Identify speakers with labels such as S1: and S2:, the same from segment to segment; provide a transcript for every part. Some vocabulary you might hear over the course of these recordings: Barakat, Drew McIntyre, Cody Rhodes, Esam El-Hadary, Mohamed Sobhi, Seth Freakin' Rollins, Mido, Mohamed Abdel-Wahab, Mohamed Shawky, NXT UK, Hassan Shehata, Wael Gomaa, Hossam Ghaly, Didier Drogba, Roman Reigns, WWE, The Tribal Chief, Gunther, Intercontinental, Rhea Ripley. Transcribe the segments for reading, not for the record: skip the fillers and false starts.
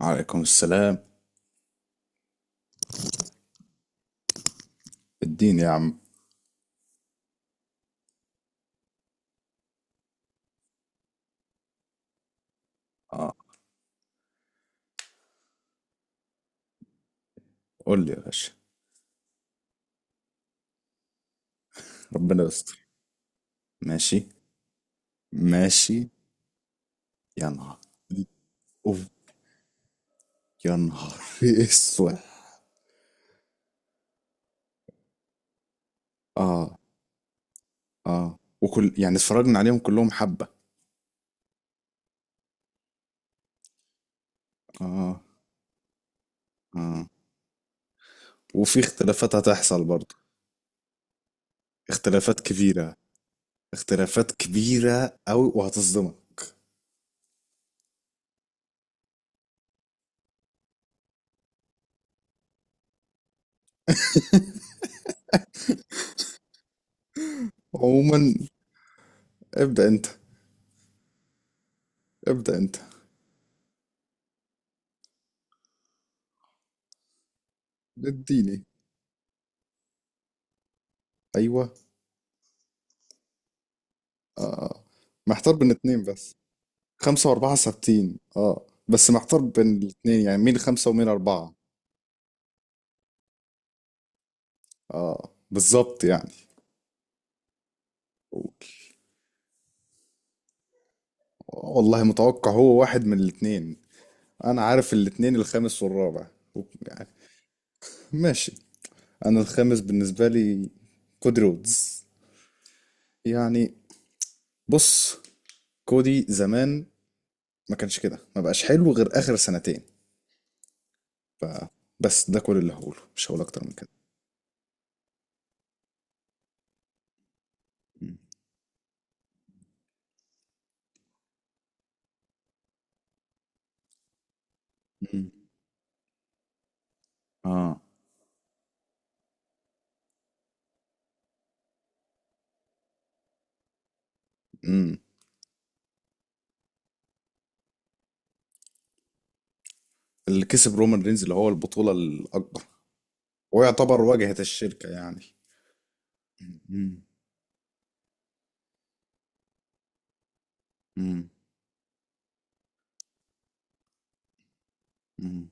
S1: عليكم السلام. الدين يا عم. اه، قول لي يا باشا. ربنا يستر. ماشي. ماشي. يا نهار. اوف، يا نهار اسود. اه. اه، وكل يعني اتفرجنا عليهم كلهم حبة. اه. اه وفي اختلافات هتحصل برضه. اختلافات كبيرة. اختلافات كبيرة أوي وهتصدمك. عموما ابدأ انت. ابدأ انت. اديني. ايوه. اه آه. محتار بين اتنين بس. خمسة وأربعة ثابتين، اه، بس محتار بين الاتنين، يعني مين خمسة ومين أربعة. اه بالظبط يعني. قول. والله متوقع هو واحد من الاتنين. أنا عارف الاتنين الخامس والرابع. يعني ماشي. أنا الخامس بالنسبة لي كودي رودز. يعني بص، كودي زمان ما كانش كده، ما بقاش حلو غير آخر سنتين. ف... بس ده كل اللي هقوله، مش هقول أكتر من كده. مم. مم. اه. امم اللي كسب رومان رينز اللي هو البطولة الأكبر، ويعتبر واجهة الشركة يعني. مم. مم. مم.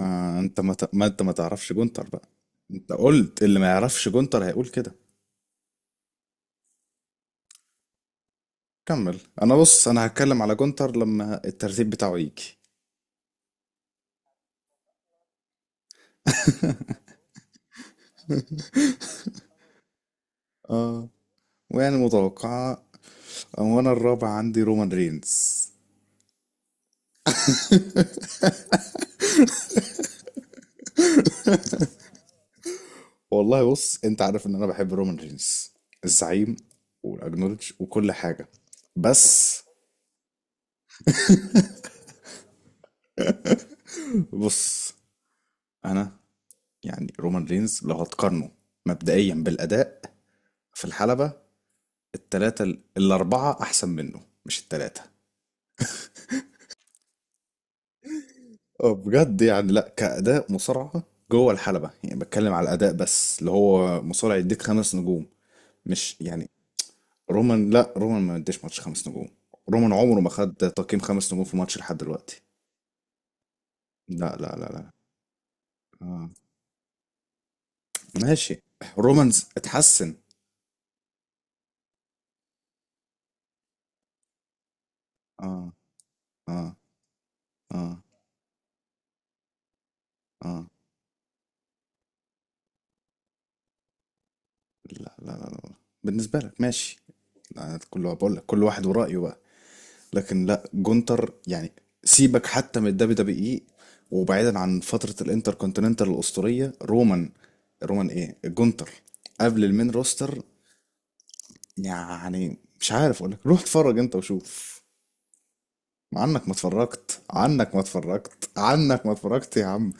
S1: آه، انت ما تعرفش جونتر بقى. انت قلت اللي ما يعرفش جونتر هيقول كده. كمل، انا بص انا هتكلم على جونتر لما الترتيب بتاعه يجي. اه، ويعني متوقعة. وانا الرابع عندي رومان رينز. والله بص، انت عارف ان انا بحب رومان رينز، الزعيم والاجنولج وكل حاجة. بس بص، انا يعني رومان رينز لو هتقارنه مبدئيا بالاداء في الحلبة، التلاتة الأربعة أحسن منه، مش التلاتة. اه بجد يعني، لا كأداء مصارعة جوه الحلبة، يعني بتكلم على الأداء بس، اللي هو مصارع يديك خمس نجوم. مش يعني رومان، لا رومان ما يديش ماتش خمس نجوم. رومان عمره ما خد تقييم خمس نجوم في ماتش لحد دلوقتي. لا لا لا لا. آه. ماشي، رومانز اتحسن. اه. اه. اه. اه. لا لا لا، لا. بالنسبة لك ماشي. أنا كل بقول لك كل واحد ورأيه بقى. لكن لا، جونتر يعني، سيبك حتى من الدبليو دبليو اي، وبعيدا عن فترة الانتر كونتيننتال الأسطورية. رومان، رومان ايه، جونتر قبل المين روستر يعني؟ مش عارف اقول لك روح اتفرج انت وشوف. عنك ما اتفرجت، عنك ما اتفرجت، عنك ما اتفرجت يا عم.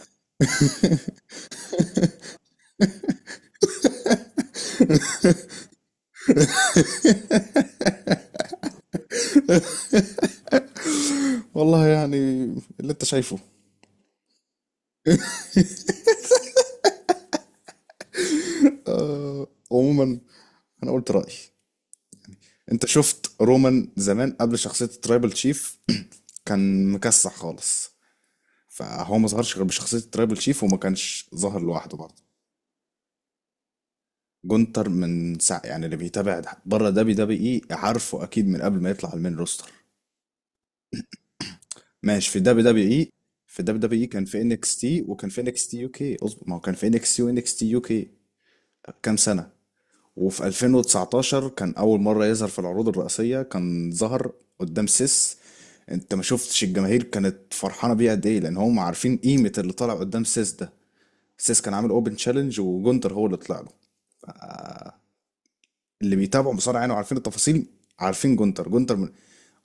S1: والله يعني اللي انت شايفه. آه. عموما انا قلت رأيي. انت شفت رومان زمان قبل شخصية الترايبل تشيف كان مكسح خالص. فهو ما ظهرش غير بشخصية ترابل شيف، وما كانش ظاهر لوحده برضه. جونتر من ساعة يعني، اللي بيتابع بره دبليو دبليو اي عارفه اكيد من قبل ما يطلع على المين روستر. ماشي، في دبليو دبليو اي. في دبليو دبليو اي كان في انكس تي وكان في انكس تي يو كي، اظبط ما هو كان في انكس تي وانكس تي يو كي كام سنة. وفي 2019 كان اول مرة يظهر في العروض الرئيسية، كان ظهر قدام سيس. انت ما شفتش الجماهير كانت فرحانه بيه قد ايه؟ لان هم عارفين قيمه اللي طالع قدام سيس ده. سيس كان عامل اوبن تشالنج وجونتر هو اللي طلع له. اللي بيتابعوا بصراحه يعني وعارفين التفاصيل عارفين جونتر. جونتر من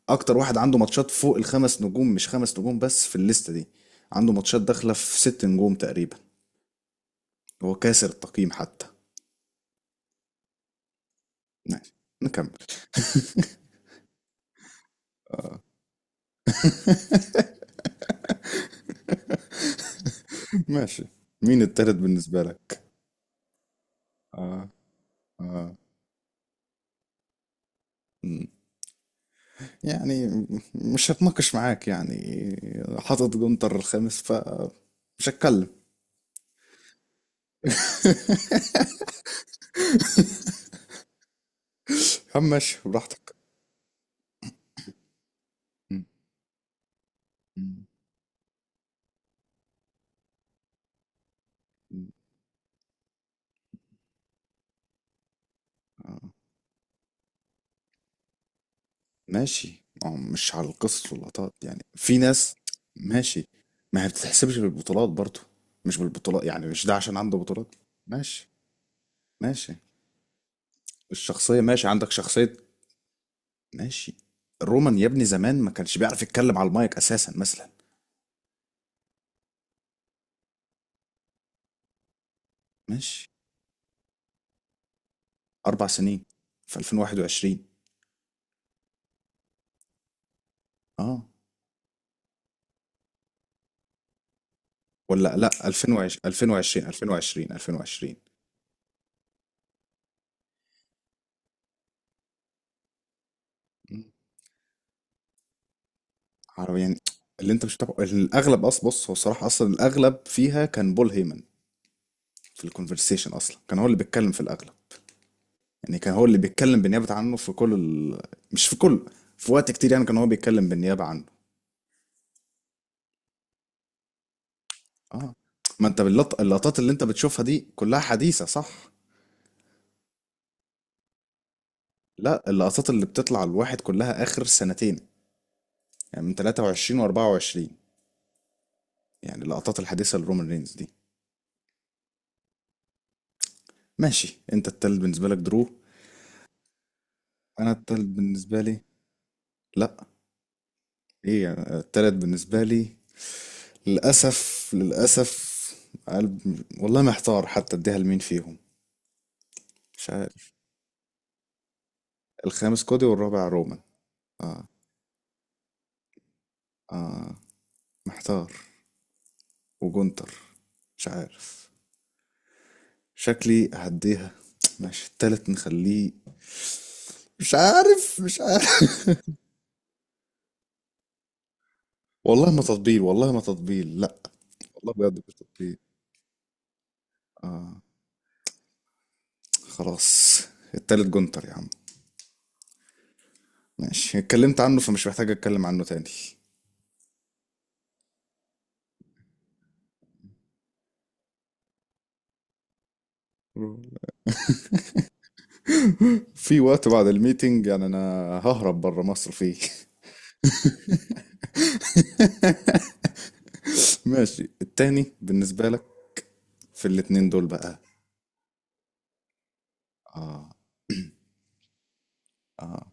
S1: اكتر واحد عنده ماتشات فوق الخمس نجوم، مش خمس نجوم بس في الليسته دي، عنده ماتشات داخله في ست نجوم تقريبا. هو كاسر التقييم حتى. ماشي نكمل. آه. ماشي. مين التالت بالنسبه لك؟ مم. يعني مش هتناقش معاك يعني، حاطط جونتر الخامس، ف مش هتكلم. يا عم ماشي براحتك. مم. مم. مم. آه. ماشي. ما هو مش على القصص واللقطات يعني، في ناس. ماشي. ما هي بتتحسبش بالبطولات برضو. مش بالبطولات، يعني مش ده عشان عنده بطولات. ماشي. ماشي. الشخصية ماشي، عندك شخصية. ماشي. رومان يا ابني زمان ما كانش بيعرف يتكلم على المايك أساسا مثلا. ماشي، أربع سنين، في 2021. اه، ولا لا، 2020 2020 2020 2020. عربي يعني. اللي انت مش متابعه الاغلب اصلا. بص، هو الصراحه اصلا الاغلب فيها كان بول هيمن. في الكونفرسيشن اصلا كان هو اللي بيتكلم في الاغلب. يعني كان هو اللي بيتكلم بالنيابه عنه في كل مش في كله، في وقت كتير يعني كان هو بيتكلم بالنيابه عنه. اه. ما انت باللط... اللقطات اللي انت بتشوفها دي كلها حديثه صح. لا، اللقطات اللي بتطلع الواحد كلها اخر سنتين، يعني من 23 و24. يعني اللقطات الحديثه لرومان رينز دي. ماشي، انت التالت بالنسبه لك درو. انا التالت بالنسبه لي، لا، ايه يعني؟ التالت بالنسبه لي، للأسف، للأسف. قلب. والله محتار حتى اديها لمين فيهم. مش عارف. الخامس كودي، والرابع رومان. اه. اه. محتار. وجونتر. مش عارف. شكلي هديها. ماشي، التالت نخليه. مش عارف، مش عارف. والله ما تطبيل، والله ما تطبيل، لا. والله بجد مش تطبيل. اه. خلاص، التالت جونتر يا عم. ماشي، اتكلمت عنه فمش محتاج اتكلم عنه تاني. في وقت بعد الميتنج يعني، انا ههرب بره مصر فيه. ماشي، التاني بالنسبة لك في الاتنين دول بقى. اه. اه.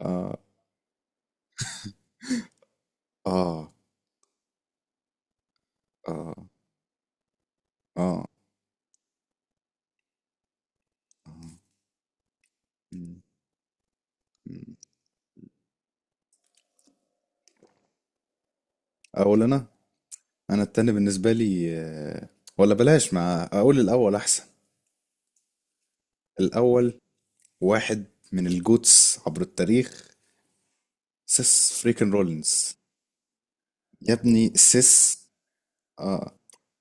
S1: اه. اه. اه. اه. مم، مم. اقول انا. انا التاني بالنسبة لي آه، ولا بلاش، مع اقول الاول احسن. الاول واحد من الجوتس عبر التاريخ، سيس فريكن رولينز. يا ابني سيس. اه،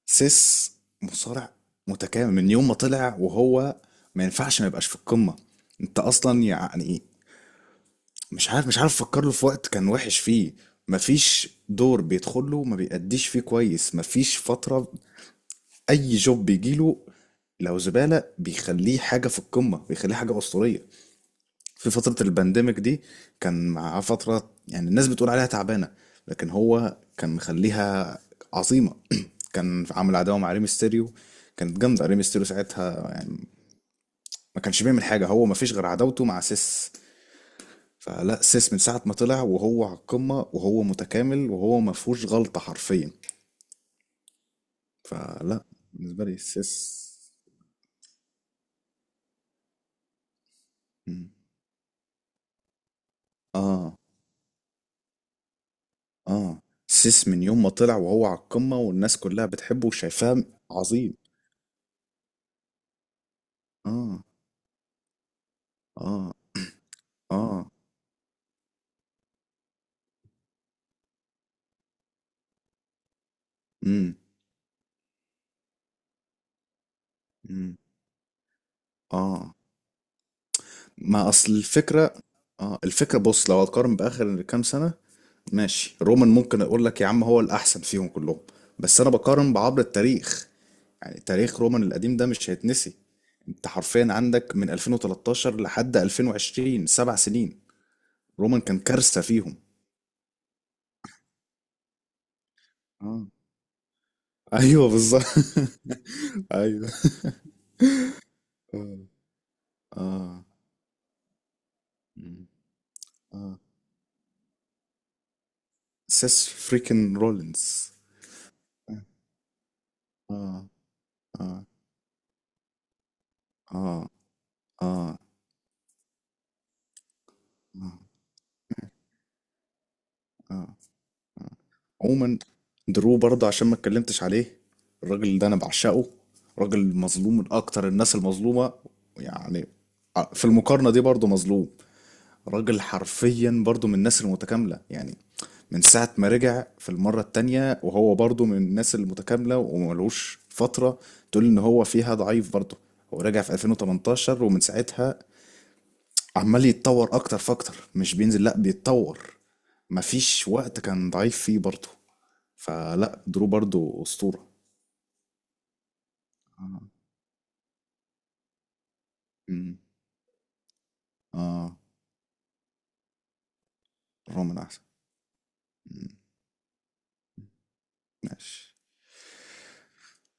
S1: سيس مصارع متكامل من يوم ما طلع، وهو ما ينفعش ما يبقاش في القمة. انت اصلا يعني مش عارف، مش عارف افكر له في وقت كان وحش فيه. مفيش دور بيدخل له ما بيأديش فيه كويس، مفيش فترة. اي جوب بيجي له لو زبالة بيخليه حاجة في القمة، بيخليه حاجة أسطورية. في فترة البانديميك دي كان معاه فترة يعني الناس بتقول عليها تعبانة، لكن هو كان مخليها عظيمة. كان عامل عداوة مع ريم ستيريو، كانت جامدة ريم ستيريو ساعتها يعني. ما كانش بيعمل حاجة هو، ما فيش غير عداوته مع سيس. فلا، سيس من ساعة ما طلع وهو على القمة، وهو متكامل وهو ما فيهوش غلطة حرفيا. فلا، بالنسبة لي سيس. مم. اه. اه. سيس من يوم ما طلع وهو على القمة والناس كلها بتحبه وشايفاه عظيم. اه. اه. اه. امم امم اه. ما اصل الفكرة. اه، الفكرة بص، لو هتقارن بآخر كام سنة، ماشي، رومان ممكن اقول لك يا عم هو الأحسن فيهم كلهم. بس انا بقارن بعبر التاريخ، يعني تاريخ رومان القديم ده مش هيتنسي. انت حرفيا عندك من 2013 لحد 2020 سبع سنين رومان كان كارثة فيهم. اه. ايوه بالظبط. ايوه. اه. اه. مم. اه. سيس فريكن رولينز. اه. اه. اه. اه. اه. اه. عموما، درو برضه عشان ما اتكلمتش عليه، الراجل ده انا بعشقه. راجل مظلوم من اكتر الناس المظلومه. يعني في المقارنه دي برضه مظلوم. راجل حرفيا برضو من الناس المتكاملة يعني. من ساعة ما رجع في المرة التانية وهو برضو من الناس المتكاملة وملوش فترة تقول ان هو فيها ضعيف برضو. هو رجع في 2018 ومن ساعتها عمال يتطور اكتر فاكتر، مش بينزل، لا بيتطور. مفيش وقت كان ضعيف فيه برضو. فلا، درو برضو أسطورة. آه. مم. اه. رومان احسن. مم. ماشي.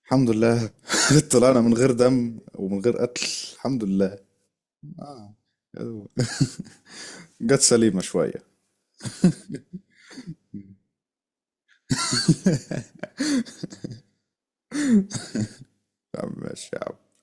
S1: الحمد لله. طلعنا من غير دم ومن غير قتل. الحمد لله. اه. جت سليمة شوية. يا عم ماشي يا عم.